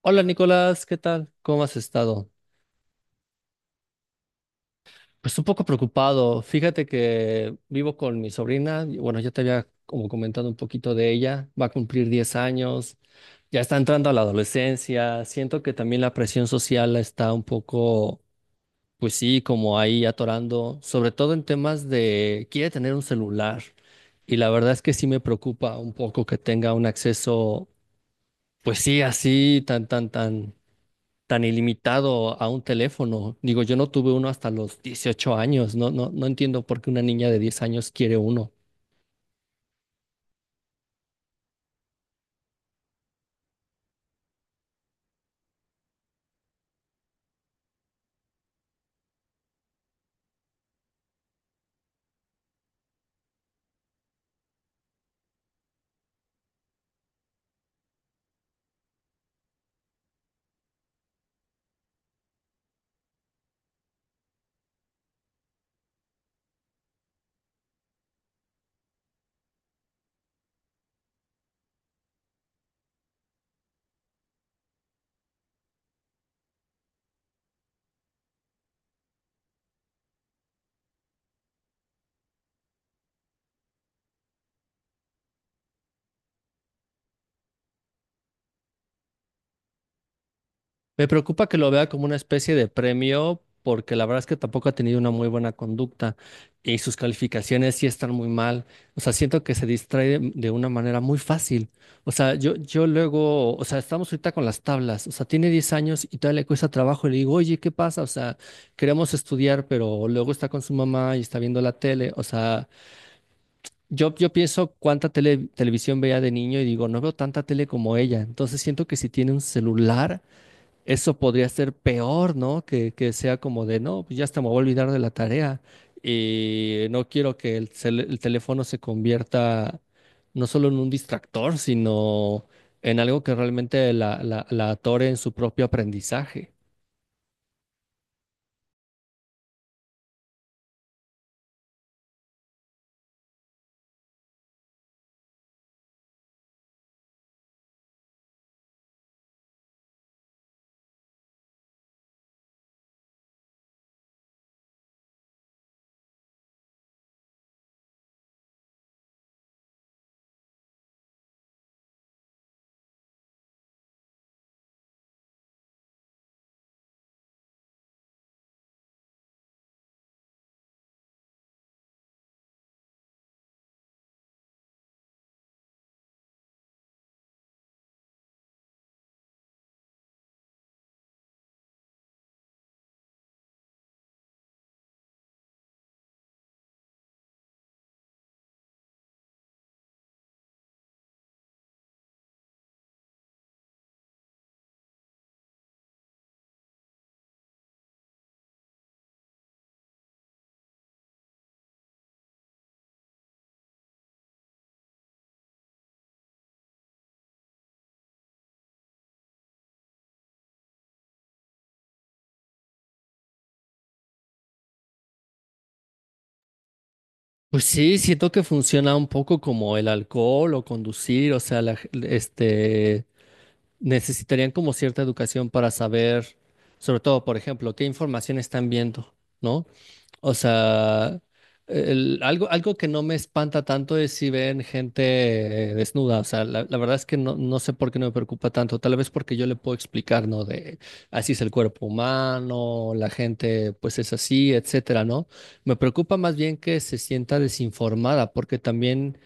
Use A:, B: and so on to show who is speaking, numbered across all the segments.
A: Hola Nicolás, ¿qué tal? ¿Cómo has estado? Pues un poco preocupado. Fíjate que vivo con mi sobrina. Bueno, ya te había como comentado un poquito de ella. Va a cumplir 10 años. Ya está entrando a la adolescencia. Siento que también la presión social la está un poco, pues sí, como ahí atorando. Sobre todo en temas de quiere tener un celular. Y la verdad es que sí me preocupa un poco que tenga un acceso. Pues sí, así tan ilimitado a un teléfono. Digo, yo no tuve uno hasta los 18 años. No, no, no entiendo por qué una niña de 10 años quiere uno. Me preocupa que lo vea como una especie de premio, porque la verdad es que tampoco ha tenido una muy buena conducta y sus calificaciones sí están muy mal. O sea, siento que se distrae de una manera muy fácil. O sea, yo luego, o sea, estamos ahorita con las tablas. O sea, tiene 10 años y todavía le cuesta trabajo. Y le digo, oye, ¿qué pasa? O sea, queremos estudiar, pero luego está con su mamá y está viendo la tele. O sea, yo pienso cuánta televisión veía de niño y digo, no veo tanta tele como ella. Entonces siento que si tiene un celular eso podría ser peor, ¿no? Que sea como de, no, pues ya hasta me voy a olvidar de la tarea y no quiero que el teléfono se convierta no solo en un distractor, sino en algo que realmente la atore en su propio aprendizaje. Pues sí, siento que funciona un poco como el alcohol o conducir, o sea, la, este necesitarían como cierta educación para saber, sobre todo, por ejemplo, qué información están viendo, ¿no? O sea, algo que no me espanta tanto es si ven gente desnuda. O sea, la verdad es que no, no sé por qué no me preocupa tanto. Tal vez porque yo le puedo explicar, ¿no? De así es el cuerpo humano, la gente pues es así, etcétera, ¿no? Me preocupa más bien que se sienta desinformada, porque también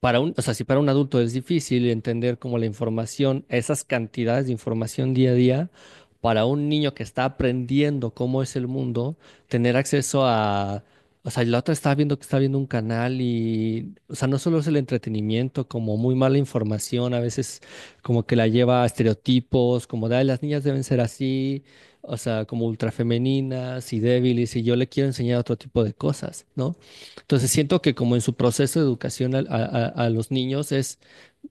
A: o sea, si para un adulto es difícil entender como la información, esas cantidades de información día a día, para un niño que está aprendiendo cómo es el mundo, tener acceso o sea, la otra estaba viendo que está viendo un canal y, o sea, no solo es el entretenimiento, como muy mala información, a veces como que la lleva a estereotipos, como de, "Ay, las niñas deben ser así, o sea, como ultrafemeninas y débiles, y yo le quiero enseñar otro tipo de cosas, ¿no? Entonces siento que como en su proceso de educación a los niños es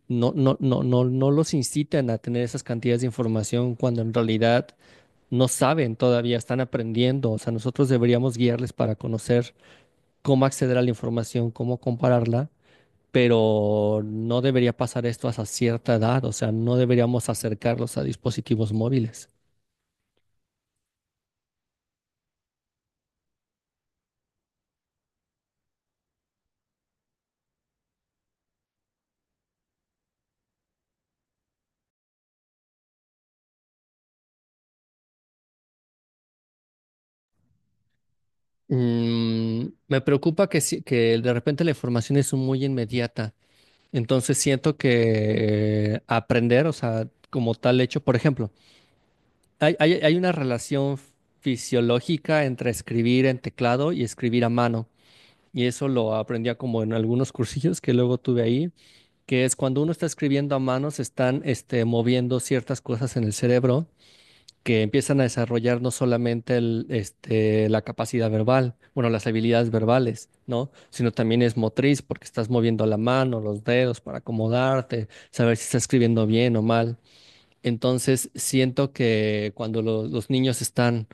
A: no los incitan a tener esas cantidades de información cuando en realidad no saben todavía, están aprendiendo. O sea, nosotros deberíamos guiarles para conocer cómo acceder a la información, cómo compararla, pero no debería pasar esto hasta cierta edad. O sea, no deberíamos acercarlos a dispositivos móviles. Mm, me preocupa que, que de repente la información es muy inmediata. Entonces siento que aprender, o sea, como tal hecho, por ejemplo, hay una relación fisiológica entre escribir en teclado y escribir a mano. Y eso lo aprendía como en algunos cursillos que luego tuve ahí, que es cuando uno está escribiendo a mano, se están moviendo ciertas cosas en el cerebro que empiezan a desarrollar no solamente la capacidad verbal, bueno, las habilidades verbales, ¿no? Sino también es motriz, porque estás moviendo la mano, los dedos para acomodarte, saber si estás escribiendo bien o mal. Entonces, siento que cuando los niños están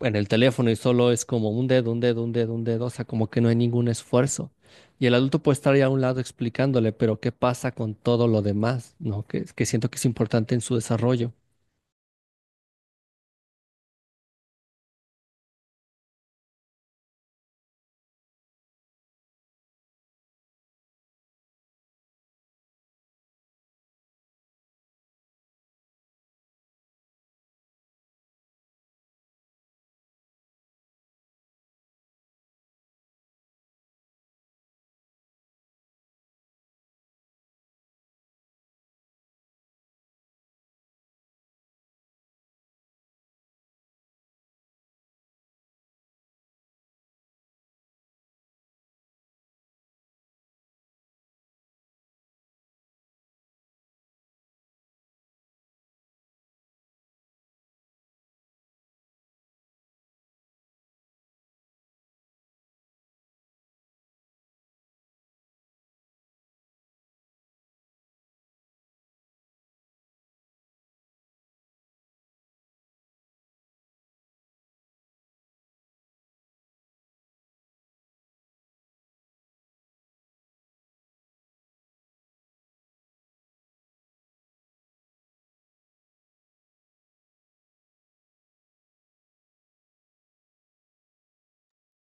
A: en el teléfono y solo es como un dedo, un dedo, un dedo, un dedo, o sea, como que no hay ningún esfuerzo. Y el adulto puede estar ahí a un lado explicándole, pero ¿qué pasa con todo lo demás? ¿No? Que siento que es importante en su desarrollo.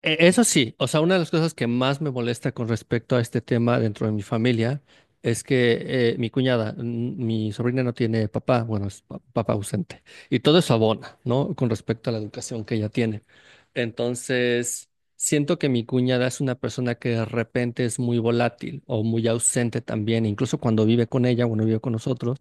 A: Eso sí, o sea, una de las cosas que más me molesta con respecto a este tema dentro de mi familia es que mi sobrina no tiene papá, bueno, es papá ausente, y todo eso abona, ¿no? Con respecto a la educación que ella tiene. Entonces, siento que mi cuñada es una persona que de repente es muy volátil o muy ausente también, incluso cuando vive con ella, cuando vive con nosotros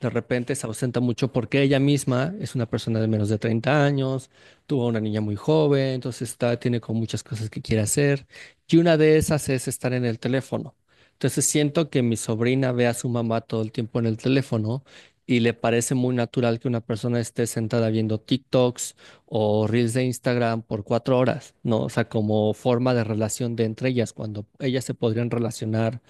A: de repente se ausenta mucho porque ella misma es una persona de menos de 30 años, tuvo a una niña muy joven, entonces está, tiene como muchas cosas que quiere hacer y una de esas es estar en el teléfono. Entonces siento que mi sobrina ve a su mamá todo el tiempo en el teléfono y le parece muy natural que una persona esté sentada viendo TikToks o Reels de Instagram por 4 horas, ¿no? O sea, como forma de relación de entre ellas, cuando ellas se podrían relacionar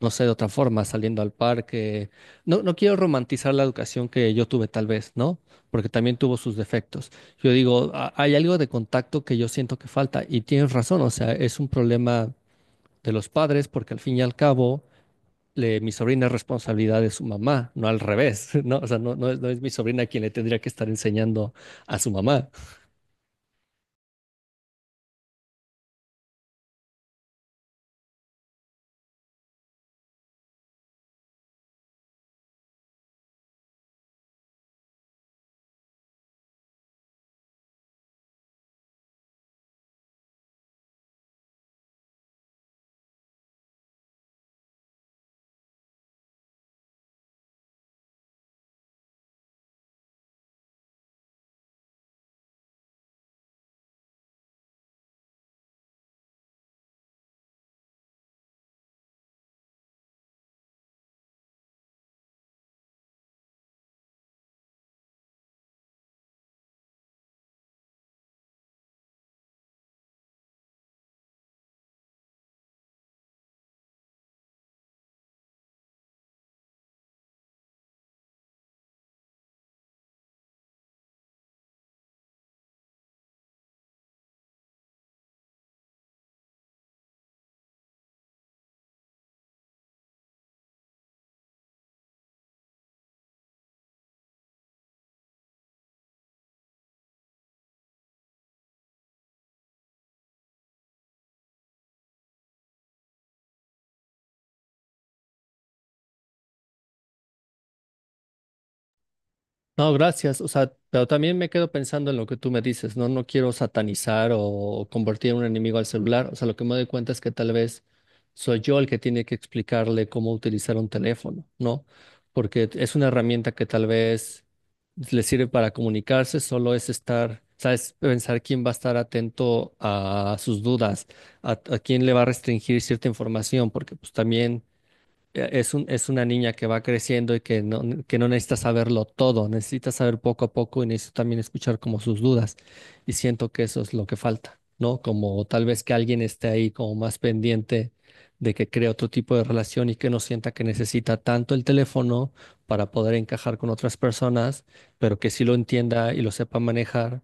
A: no sé, de otra forma, saliendo al parque. No, no quiero romantizar la educación que yo tuve tal vez, ¿no? Porque también tuvo sus defectos. Yo digo, "Ah, hay algo de contacto que yo siento que falta y tienes razón, o sea, es un problema de los padres porque al fin y al cabo... mi sobrina es responsabilidad de su mamá, no al revés, ¿no? O sea, no, no es mi sobrina quien le tendría que estar enseñando a su mamá. No, gracias. O sea, pero también me quedo pensando en lo que tú me dices, ¿no? No quiero satanizar o convertir en un enemigo al celular. O sea, lo que me doy cuenta es que tal vez soy yo el que tiene que explicarle cómo utilizar un teléfono, ¿no? Porque es una herramienta que tal vez le sirve para comunicarse, solo es estar, ¿sabes? Pensar quién va a estar atento a sus dudas, a quién le va a restringir cierta información, porque pues también es una niña que va creciendo y que no necesita saberlo todo, necesita saber poco a poco y necesita también escuchar como sus dudas. Y siento que eso es lo que falta, ¿no? Como tal vez que alguien esté ahí como más pendiente de que cree otro tipo de relación y que no sienta que necesita tanto el teléfono para poder encajar con otras personas, pero que sí lo entienda y lo sepa manejar.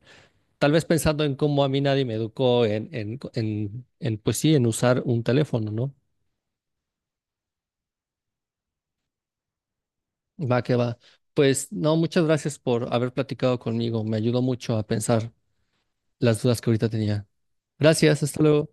A: Tal vez pensando en cómo a mí nadie me educó en, pues sí, en usar un teléfono, ¿no? Va que va. Pues no, muchas gracias por haber platicado conmigo. Me ayudó mucho a pensar las dudas que ahorita tenía. Gracias, hasta luego.